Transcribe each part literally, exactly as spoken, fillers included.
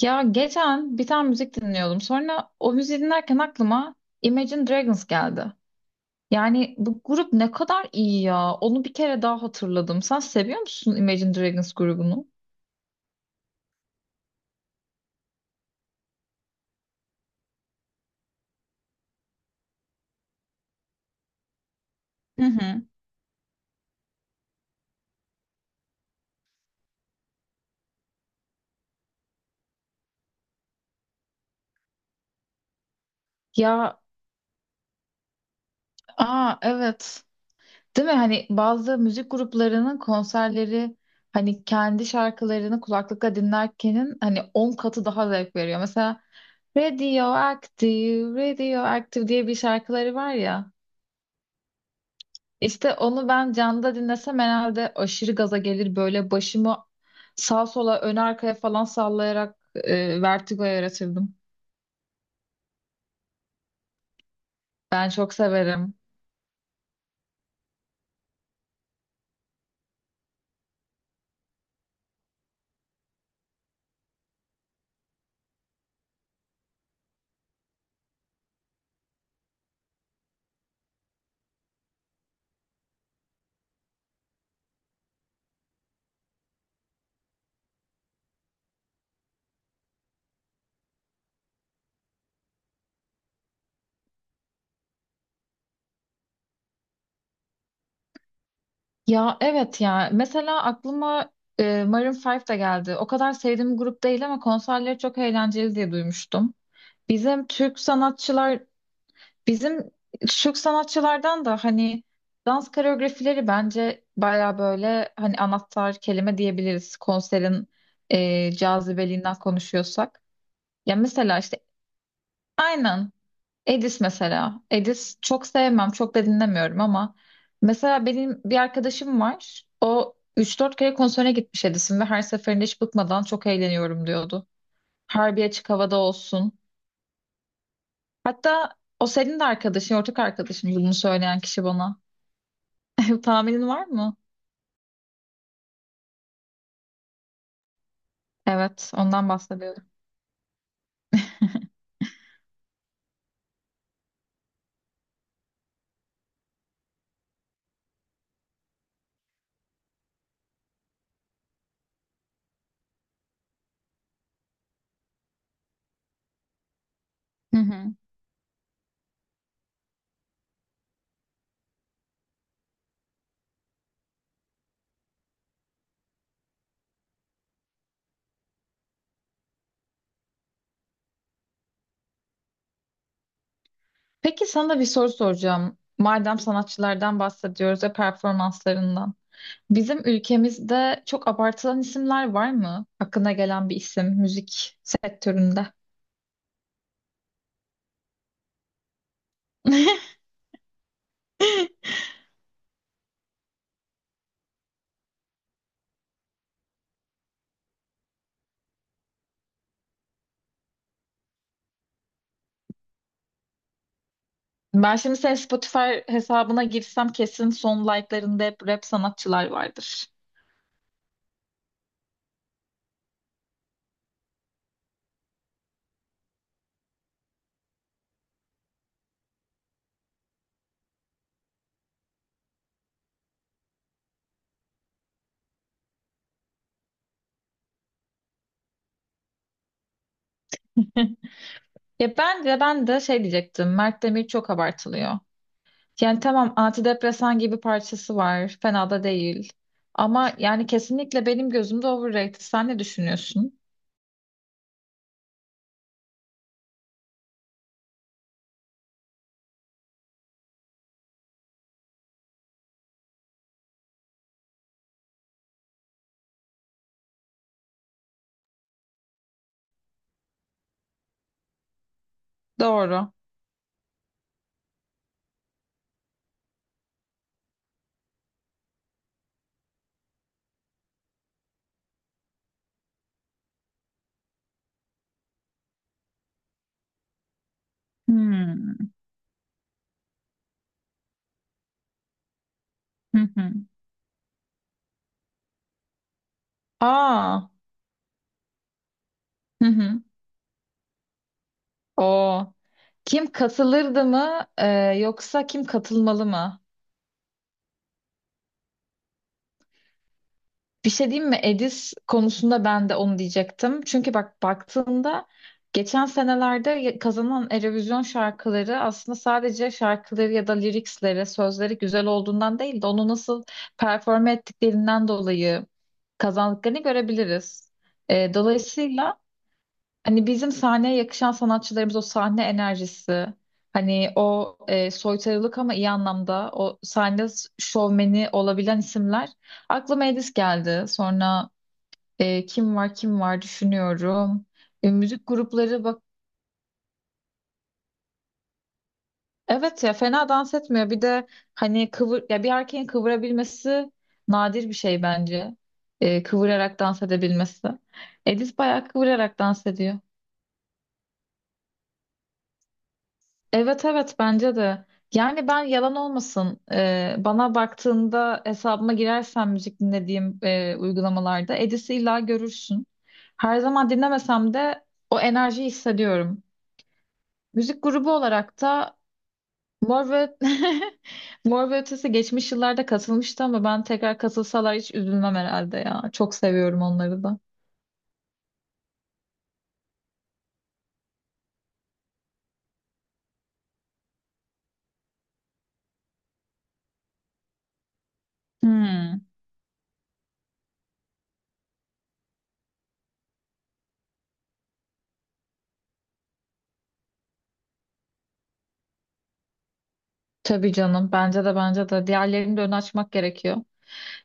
Ya geçen bir tane müzik dinliyordum. Sonra o müziği dinlerken aklıma Imagine Dragons geldi. Yani bu grup ne kadar iyi ya. Onu bir kere daha hatırladım. Sen seviyor musun Imagine Dragons grubunu? Hı hı. Ya, aa evet. Değil mi? Hani bazı müzik gruplarının konserleri hani kendi şarkılarını kulaklıkla dinlerkenin hani on katı daha zevk veriyor. Mesela Radioactive, Radioactive diye bir şarkıları var ya. İşte onu ben canlıda dinlesem herhalde aşırı gaza gelir böyle başımı sağa sola ön arkaya falan sallayarak e, vertigo yaratırdım. Ben çok severim. Ya evet ya mesela aklıma e, Maroon five de geldi. O kadar sevdiğim bir grup değil ama konserleri çok eğlenceli diye duymuştum. Bizim Türk sanatçılar Bizim Türk sanatçılardan da hani dans koreografileri bence baya böyle hani anahtar kelime diyebiliriz konserin e, cazibeliğinden konuşuyorsak. Ya mesela işte aynen Edis mesela. Edis çok sevmem, çok da dinlemiyorum ama mesela benim bir arkadaşım var. O üç dört kere konserine gitmiş Edis'in ve her seferinde hiç bıkmadan çok eğleniyorum diyordu. Her bir açık havada olsun. Hatta o senin de arkadaşın, ortak arkadaşın bunu söyleyen kişi bana. Tahminin var mı? Evet, ondan bahsediyorum. Hı hı. Peki sana bir soru soracağım. Madem sanatçılardan bahsediyoruz ve performanslarından. Bizim ülkemizde çok abartılan isimler var mı? Aklına gelen bir isim müzik sektöründe. Ben şimdi senin Spotify hesabına girsem kesin son like'larında hep rap sanatçılar vardır. Ya ben de ben de şey diyecektim. Mert Demir çok abartılıyor. Yani tamam antidepresan gibi parçası var. Fena da değil. Ama yani kesinlikle benim gözümde overrated. Sen ne düşünüyorsun? Doğru. Hmm. Hı hı. Aa. Hı hı. O kim katılırdı mı e, yoksa kim katılmalı mı? Bir şey diyeyim mi? Edis konusunda ben de onu diyecektim. Çünkü bak baktığında geçen senelerde ya- kazanan Eurovision şarkıları aslında sadece şarkıları ya da liriksleri, sözleri güzel olduğundan değil de onu nasıl performe ettiklerinden dolayı kazandıklarını görebiliriz. E, dolayısıyla hani bizim sahneye yakışan sanatçılarımız o sahne enerjisi, hani o e, soytarılık ama iyi anlamda o sahne s- şovmeni olabilen isimler. Aklıma Edis geldi. Sonra e, kim var kim var düşünüyorum. E, müzik grupları bak evet ya fena dans etmiyor. Bir de hani kıvır ya bir erkeğin kıvırabilmesi nadir bir şey bence. E, kıvırarak dans edebilmesi. Edis bayağı kıvırarak dans ediyor. Evet evet bence de. Yani ben yalan olmasın e, bana baktığında hesabıma girersen müzik dinlediğim e, uygulamalarda Edis'i illa görürsün. Her zaman dinlemesem de o enerjiyi hissediyorum. Müzik grubu olarak da Mor ve Mor ve Ötesi geçmiş yıllarda katılmıştı ama ben tekrar katılsalar hiç üzülmem herhalde ya. Çok seviyorum onları da. Hmm, tabii canım bence de bence de diğerlerini de ön açmak gerekiyor.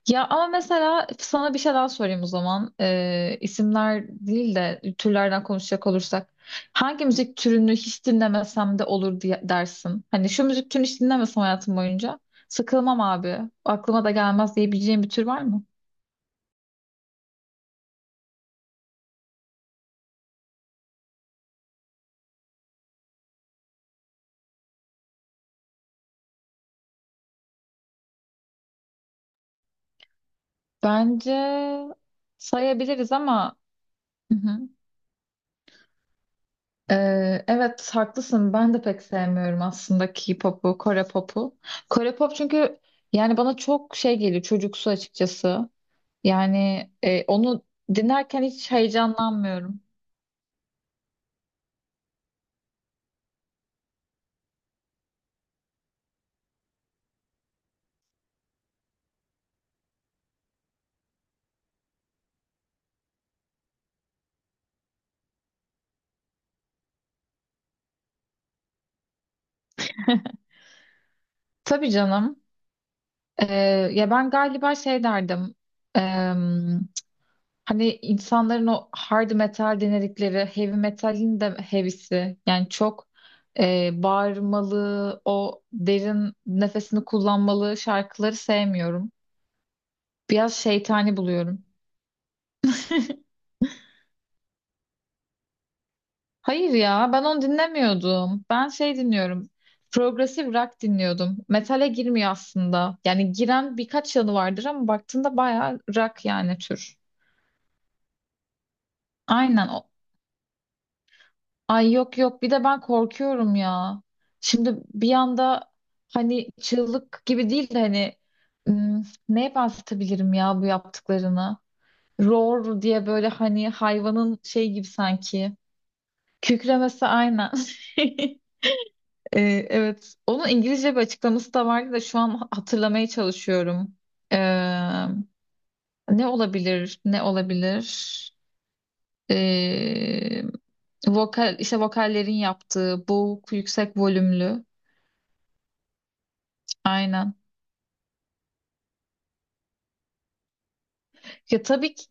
Ya ama mesela sana bir şey daha sorayım o zaman. Ee, isimler değil de türlerden konuşacak olursak. Hangi müzik türünü hiç dinlemesem de olur diye dersin? Hani şu müzik türünü hiç dinlemesem hayatım boyunca sıkılmam abi. Aklıma da gelmez diyebileceğim bir tür var mı? Bence sayabiliriz ama hı hı. Ee, evet haklısın. Ben de pek sevmiyorum aslında K-pop'u, Kore pop'u. Kore pop çünkü yani bana çok şey geliyor çocuksu açıkçası. Yani e, onu dinlerken hiç heyecanlanmıyorum. Tabii canım. E, Ya ben galiba şey derdim. E, Hani insanların o hard metal dinledikleri heavy metalin de heavy'si. Yani çok e, bağırmalı, o derin nefesini kullanmalı şarkıları sevmiyorum. Biraz şeytani buluyorum. Hayır ya ben onu dinlemiyordum. Ben şey dinliyorum. Progresif rock dinliyordum. Metale girmiyor aslında. Yani giren birkaç yanı vardır ama baktığında bayağı rock yani tür. Aynen. o- Ay yok yok bir de ben korkuyorum ya. Şimdi bir anda hani çığlık gibi değil de hani hmm, neye benzetebilirim ya bu yaptıklarını? Roar diye böyle hani hayvanın şey gibi sanki. Kükremesi aynen. Ee, evet, onun İngilizce bir açıklaması da vardı da şu an hatırlamaya çalışıyorum. Ee, Ne olabilir, ne olabilir? Ee, Vokal, işte vokallerin yaptığı boğuk, yüksek volümlü. Aynen. Ya tabii ki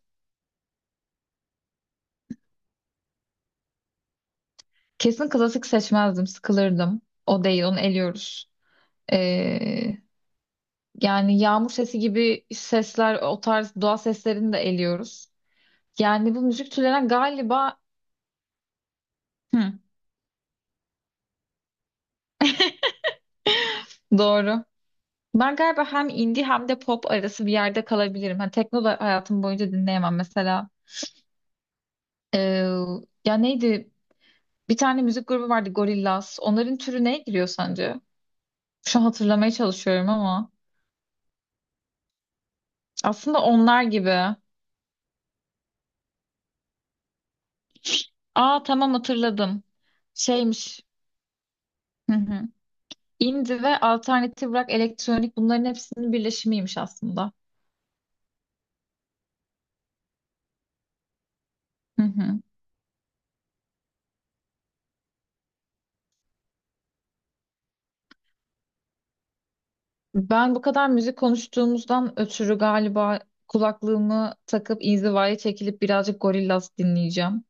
kesin klasik seçmezdim, sıkılırdım. O değil, onu eliyoruz. Ee, Yani yağmur sesi gibi sesler, o tarz doğa seslerini de eliyoruz. Yani bu müzik türlerine galiba... Hı, doğru. Ben galiba hem indie hem de pop arası bir yerde kalabilirim. Hani tekno da hayatım boyunca dinleyemem mesela. Ee, Ya neydi? Bir tane müzik grubu vardı Gorillaz. Onların türü neye giriyor sence? Şu an hatırlamaya çalışıyorum ama. Aslında onlar gibi. Aa tamam hatırladım. Şeymiş. Hı hı. Indie ve alternatif rock, elektronik bunların hepsinin birleşimiymiş aslında. Hı hı. Ben bu kadar müzik konuştuğumuzdan ötürü galiba kulaklığımı takıp inzivaya çekilip birazcık Gorillaz dinleyeceğim.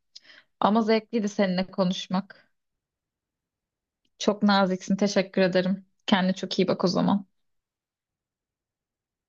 Ama zevkliydi seninle konuşmak. Çok naziksin, teşekkür ederim. Kendine çok iyi bak o zaman.